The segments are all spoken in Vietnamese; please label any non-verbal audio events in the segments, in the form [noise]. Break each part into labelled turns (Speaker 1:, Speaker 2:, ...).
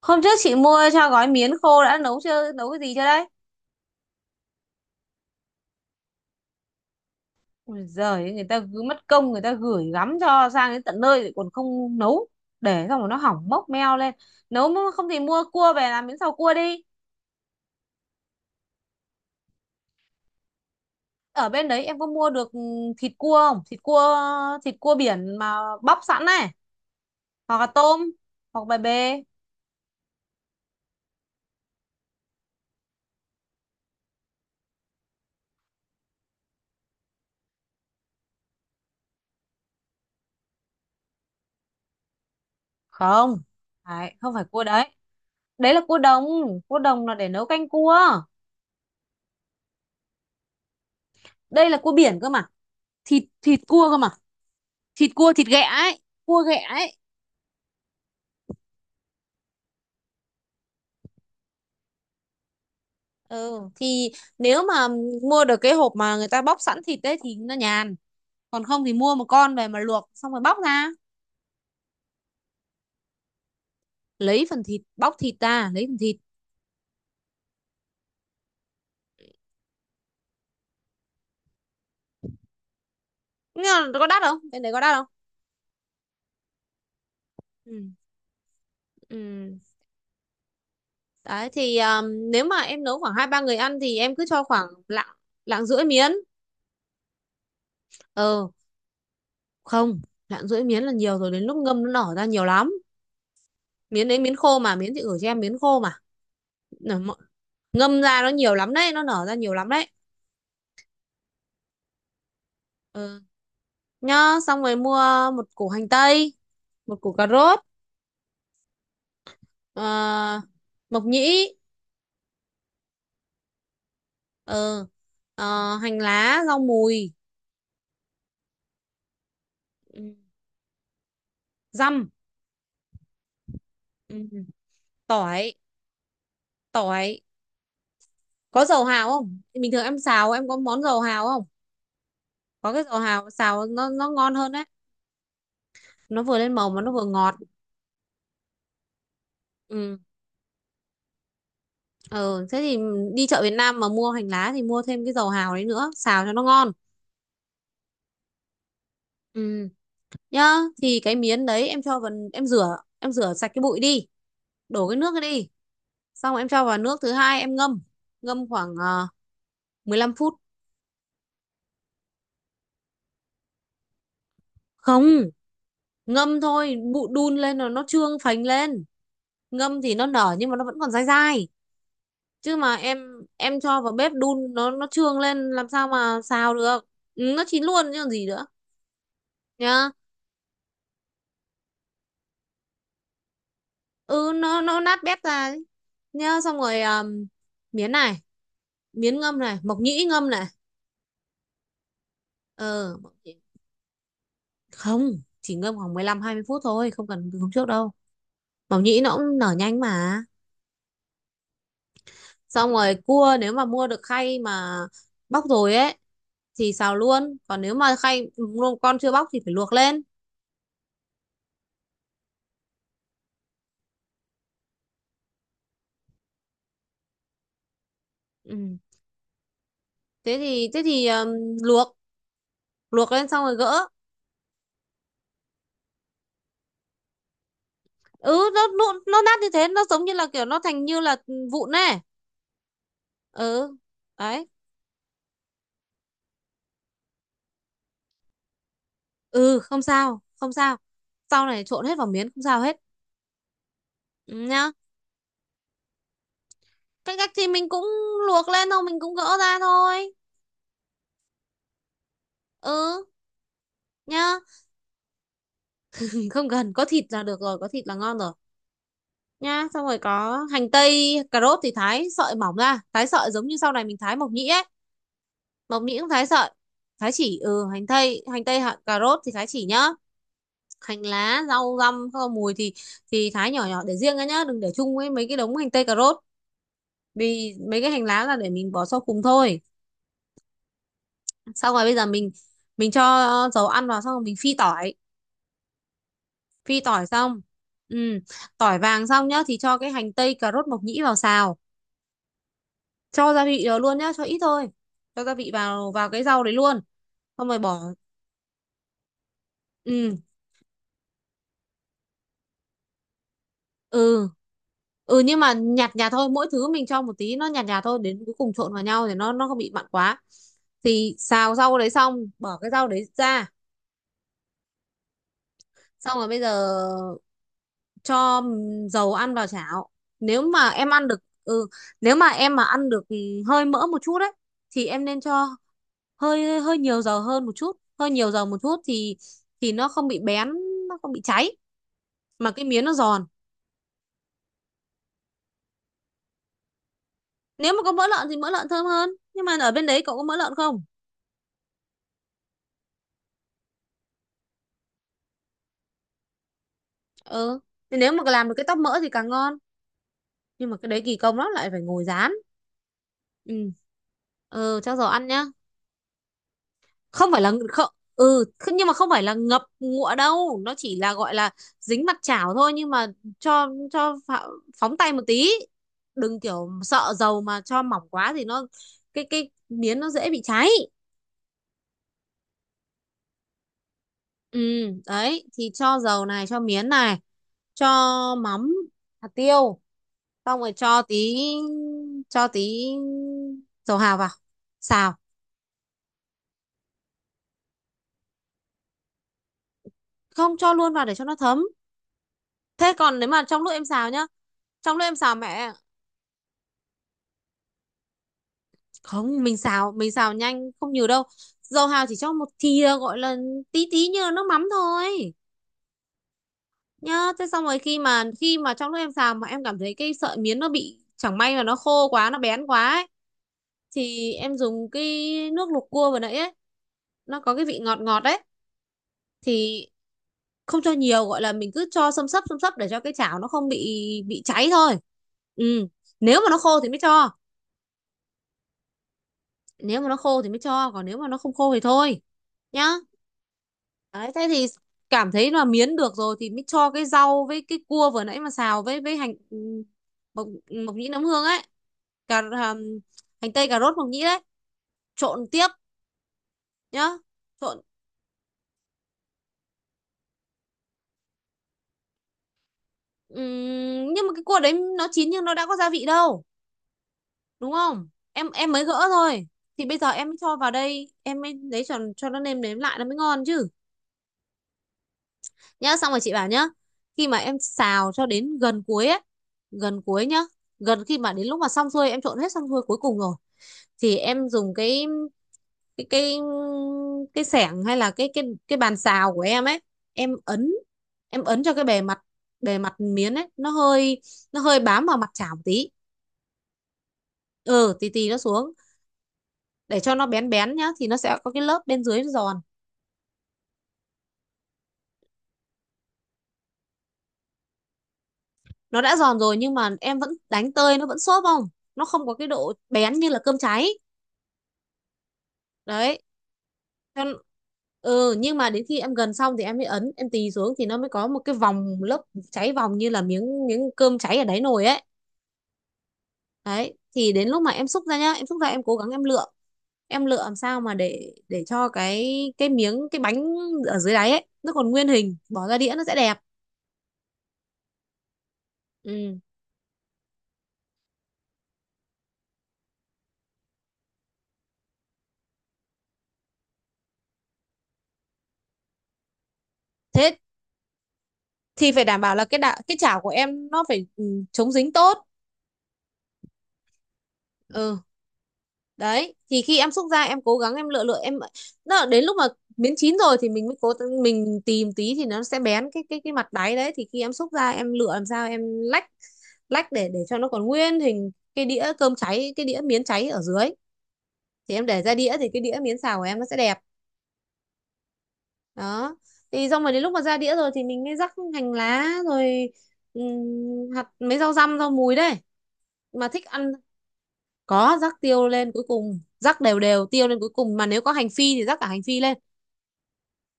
Speaker 1: Hôm trước chị mua cho gói miến khô đã nấu chưa, nấu cái gì chưa đấy? Ôi giời, ơi, người ta cứ mất công người ta gửi gắm cho sang đến tận nơi lại còn không nấu. Để xong rồi nó hỏng mốc meo lên. Nấu mà không thì mua cua về làm miến xào cua đi. Ở bên đấy em có mua được thịt cua không? Thịt cua biển mà bóc sẵn này, hoặc là tôm, hoặc bè bê. Không. Đấy, không phải cua đấy. Đấy là cua đồng là để nấu canh cua. Đây là cua biển cơ mà. Thịt Thịt cua cơ mà. Thịt cua thịt ghẹ ấy, cua ghẹ ấy. Ừ thì nếu mà mua được cái hộp mà người ta bóc sẵn thịt đấy thì nó nhàn, còn không thì mua một con về mà luộc xong rồi bóc ra lấy phần thịt, bóc thịt ra lấy phần thịt. Nhưng mà nó có đắt không, bên đấy có đắt không? Ừ. Ừ, đấy thì nếu mà em nấu khoảng hai ba người ăn thì em cứ cho khoảng lạng, lạng rưỡi miến. Ờ, không, lạng rưỡi miến là nhiều rồi, đến lúc ngâm nó nở ra nhiều lắm. Miến đấy miến khô mà, miến chị gửi cho em miến khô mà, ngâm ra nó nhiều lắm đấy, nó nở ra nhiều lắm đấy. Ừ. Nhá, xong rồi mua một củ hành tây, một củ cà rốt, ờ, mộc nhĩ, ờ, hành lá, rau mùi, ừ, dăm, ừ, tỏi, tỏi. Có dầu hào không, bình thường em xào em có món dầu hào không? Có cái dầu hào xào nó ngon hơn đấy, nó vừa lên màu mà nó vừa ngọt. Ừ. Ờ, thế thì đi chợ Việt Nam mà mua hành lá thì mua thêm cái dầu hào đấy nữa, xào cho nó ngon. Ừ, nhá, thì cái miến đấy em cho vào em rửa sạch cái bụi đi, đổ cái nước cái đi. Xong rồi em cho vào nước thứ hai em ngâm, ngâm khoảng 15 phút. Không, ngâm thôi, bụi đun lên rồi nó trương phành lên. Ngâm thì nó nở nhưng mà nó vẫn còn dai dai. Chứ mà em cho vào bếp đun nó trương lên làm sao mà xào được. Ừ, nó chín luôn chứ còn gì nữa. Nhá, ừ nó nát bét ra ấy. Nhá, xong rồi miến này, miến ngâm này, mộc nhĩ ngâm này. ờ mộc nhĩ- Không, chỉ ngâm khoảng 15 20 phút thôi, không cần từ hôm trước đâu. Mộc nhĩ nó cũng nở nhanh mà. Xong rồi cua, nếu mà mua được khay mà bóc rồi ấy thì xào luôn, còn nếu mà khay luôn con chưa bóc thì phải luộc lên. Ừ. Thế thì luộc, luộc lên xong rồi gỡ. Ừ nó nát như thế, nó giống như là kiểu nó thành như là vụn này. Ừ, đấy. Ừ, không sao, không sao. Sau này trộn hết vào miến không sao hết. Ừ, nhá. Cái cách thì mình cũng luộc lên thôi, mình cũng gỡ ra thôi. Ừ, nhá. [laughs] Không cần, có thịt là được rồi, có thịt là ngon rồi. Nhá, xong rồi có hành tây cà rốt thì thái sợi mỏng ra, thái sợi giống như sau này mình thái mộc nhĩ ấy. Mộc nhĩ cũng thái sợi. Thái chỉ, ừ, hành tây. Hành tây hạt cà rốt thì thái chỉ nhá. Hành lá rau răm rau mùi thì thái nhỏ nhỏ để riêng ra nhá, đừng để chung với mấy cái đống hành tây cà rốt, vì mấy cái hành lá là để mình bỏ sau cùng thôi. Xong rồi bây giờ mình cho dầu ăn vào, xong rồi mình phi tỏi. Phi tỏi xong, ừ, tỏi vàng xong nhá thì cho cái hành tây cà rốt mộc nhĩ vào xào, cho gia vị vào luôn nhá, cho ít thôi, cho gia vị vào vào cái rau đấy luôn, xong rồi bỏ. Ừ, ừ, ừ, nhưng mà nhạt nhạt thôi, mỗi thứ mình cho một tí, nó nhạt nhạt thôi, đến cuối cùng trộn vào nhau thì nó không bị mặn quá. Thì xào rau đấy xong bỏ cái rau đấy ra. Xong rồi bây giờ cho dầu ăn vào chảo. Nếu mà em ăn được, ừ, nếu mà em mà ăn được, hơi mỡ một chút đấy, thì em nên cho hơi hơi nhiều dầu hơn một chút, hơi nhiều dầu một chút thì nó không bị bén, nó không bị cháy, mà cái miếng nó giòn. Nếu mà có mỡ lợn thì mỡ lợn thơm hơn, nhưng mà ở bên đấy cậu có mỡ lợn không? Ừ, thì nếu mà làm được cái tóp mỡ thì càng ngon, nhưng mà cái đấy kỳ công lắm lại phải ngồi rán. Ừ. Ừ, cho dầu ăn nhá. Không phải là không, ừ, thế nhưng mà không phải là ngập ngụa đâu, nó chỉ là gọi là dính mặt chảo thôi, nhưng mà cho cho phạ- phóng tay một tí, đừng kiểu sợ dầu mà cho mỏng quá thì nó cái miến nó dễ bị cháy. Ừ, đấy thì cho dầu này, cho miến này, cho mắm, hạt tiêu, xong rồi cho tí dầu hào vào xào. Không, cho luôn vào để cho nó thấm. Thế còn nếu mà trong lúc em xào nhá, trong lúc em xào mẹ, không, mình xào, mình xào nhanh không nhiều đâu. Dầu hào chỉ cho một thìa gọi là tí tí như là nước mắm thôi. Nhá, thế xong rồi khi mà trong lúc em xào mà em cảm thấy cái sợi miến nó bị, chẳng may mà nó khô quá, nó bén quá ấy, thì em dùng cái nước luộc cua vừa nãy ấy, nó có cái vị ngọt ngọt đấy, thì không cho nhiều, gọi là mình cứ cho xâm xấp để cho cái chảo nó không bị cháy thôi. Ừ, nếu mà nó khô thì mới cho, nếu mà nó khô thì mới cho, còn nếu mà nó không khô thì thôi, nhá. Đấy, thế thì cảm thấy là miến được rồi thì mới cho cái rau với cái cua vừa nãy mà xào, với hành, ừ, mộc, mộc nhĩ nấm hương ấy, cà hành tây cà rốt mộc nhĩ đấy, trộn tiếp nhá, trộn. Nhưng mà cái cua đấy nó chín nhưng nó đã có gia vị đâu, đúng không, em mới gỡ thôi, thì bây giờ em mới cho vào đây em mới lấy cho nó nêm nếm lại nó mới ngon chứ. Nhá, xong rồi chị bảo nhá, khi mà em xào cho đến gần cuối ấy, gần cuối nhá, gần khi mà đến lúc mà xong xuôi em trộn hết xong xuôi cuối cùng rồi thì em dùng cái cái cái xẻng hay là cái bàn xào của em ấy, em ấn, em ấn cho cái bề mặt, bề mặt miến ấy nó hơi, nó hơi bám vào mặt chảo một tí. Ừ, tí tí nó xuống, để cho nó bén bén nhá, thì nó sẽ có cái lớp bên dưới nó giòn. Nó đã giòn rồi nhưng mà em vẫn đánh tơi nó vẫn xốp, không, nó không có cái độ bén như là cơm cháy. Đấy. Cho n- ừ, nhưng mà đến khi em gần xong thì em mới ấn em tì xuống thì nó mới có một cái vòng lớp cháy vòng như là miếng miếng cơm cháy ở đáy nồi ấy. Đấy, thì đến lúc mà em xúc ra nhá, em xúc ra em cố gắng em lựa, em lựa làm sao mà để cho cái bánh ở dưới đáy ấy nó còn nguyên hình, bỏ ra đĩa nó sẽ đẹp. Ừ. Thế thì phải đảm bảo là cái chảo của em nó phải, chống dính tốt. Ừ, đấy thì khi em xúc ra em cố gắng em lựa lựa em đó, đến lúc mà miếng chín rồi thì mình mới cố, mình tìm tí thì nó sẽ bén cái mặt đáy đấy, thì khi em xúc ra em lựa làm sao em lách, lách để cho nó còn nguyên hình cái đĩa cơm cháy, cái đĩa miến cháy ở dưới, thì em để ra đĩa thì cái đĩa miến xào của em nó sẽ đẹp. Đó, thì xong rồi đến lúc mà ra đĩa rồi thì mình mới rắc hành lá rồi, hạt, mấy rau răm rau mùi đấy, mà thích ăn, có rắc tiêu lên cuối cùng, rắc đều đều tiêu lên cuối cùng, mà nếu có hành phi thì rắc cả hành phi lên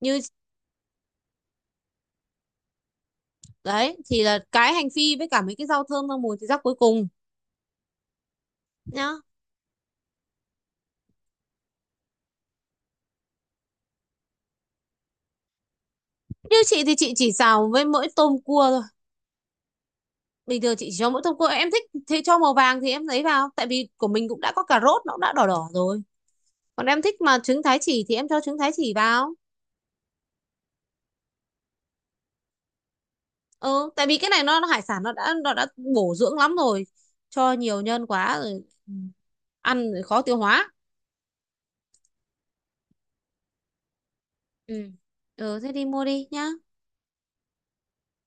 Speaker 1: như đấy, thì là cái hành phi với cả mấy cái rau thơm rau mùi thì rắc cuối cùng nhá. Như chị thì chị chỉ xào với mỗi tôm cua thôi, bình thường chị chỉ cho mỗi tôm cua, em thích thì cho màu vàng thì em lấy vào, tại vì của mình cũng đã có cà rốt nó cũng đã đỏ đỏ rồi, còn em thích mà trứng thái chỉ thì em cho trứng thái chỉ vào. Ừ, tại vì cái này nó hải sản nó đã bổ dưỡng lắm rồi, cho nhiều nhân quá rồi, ăn rồi khó tiêu hóa. Ừ. Ừ, thế đi mua đi nhá.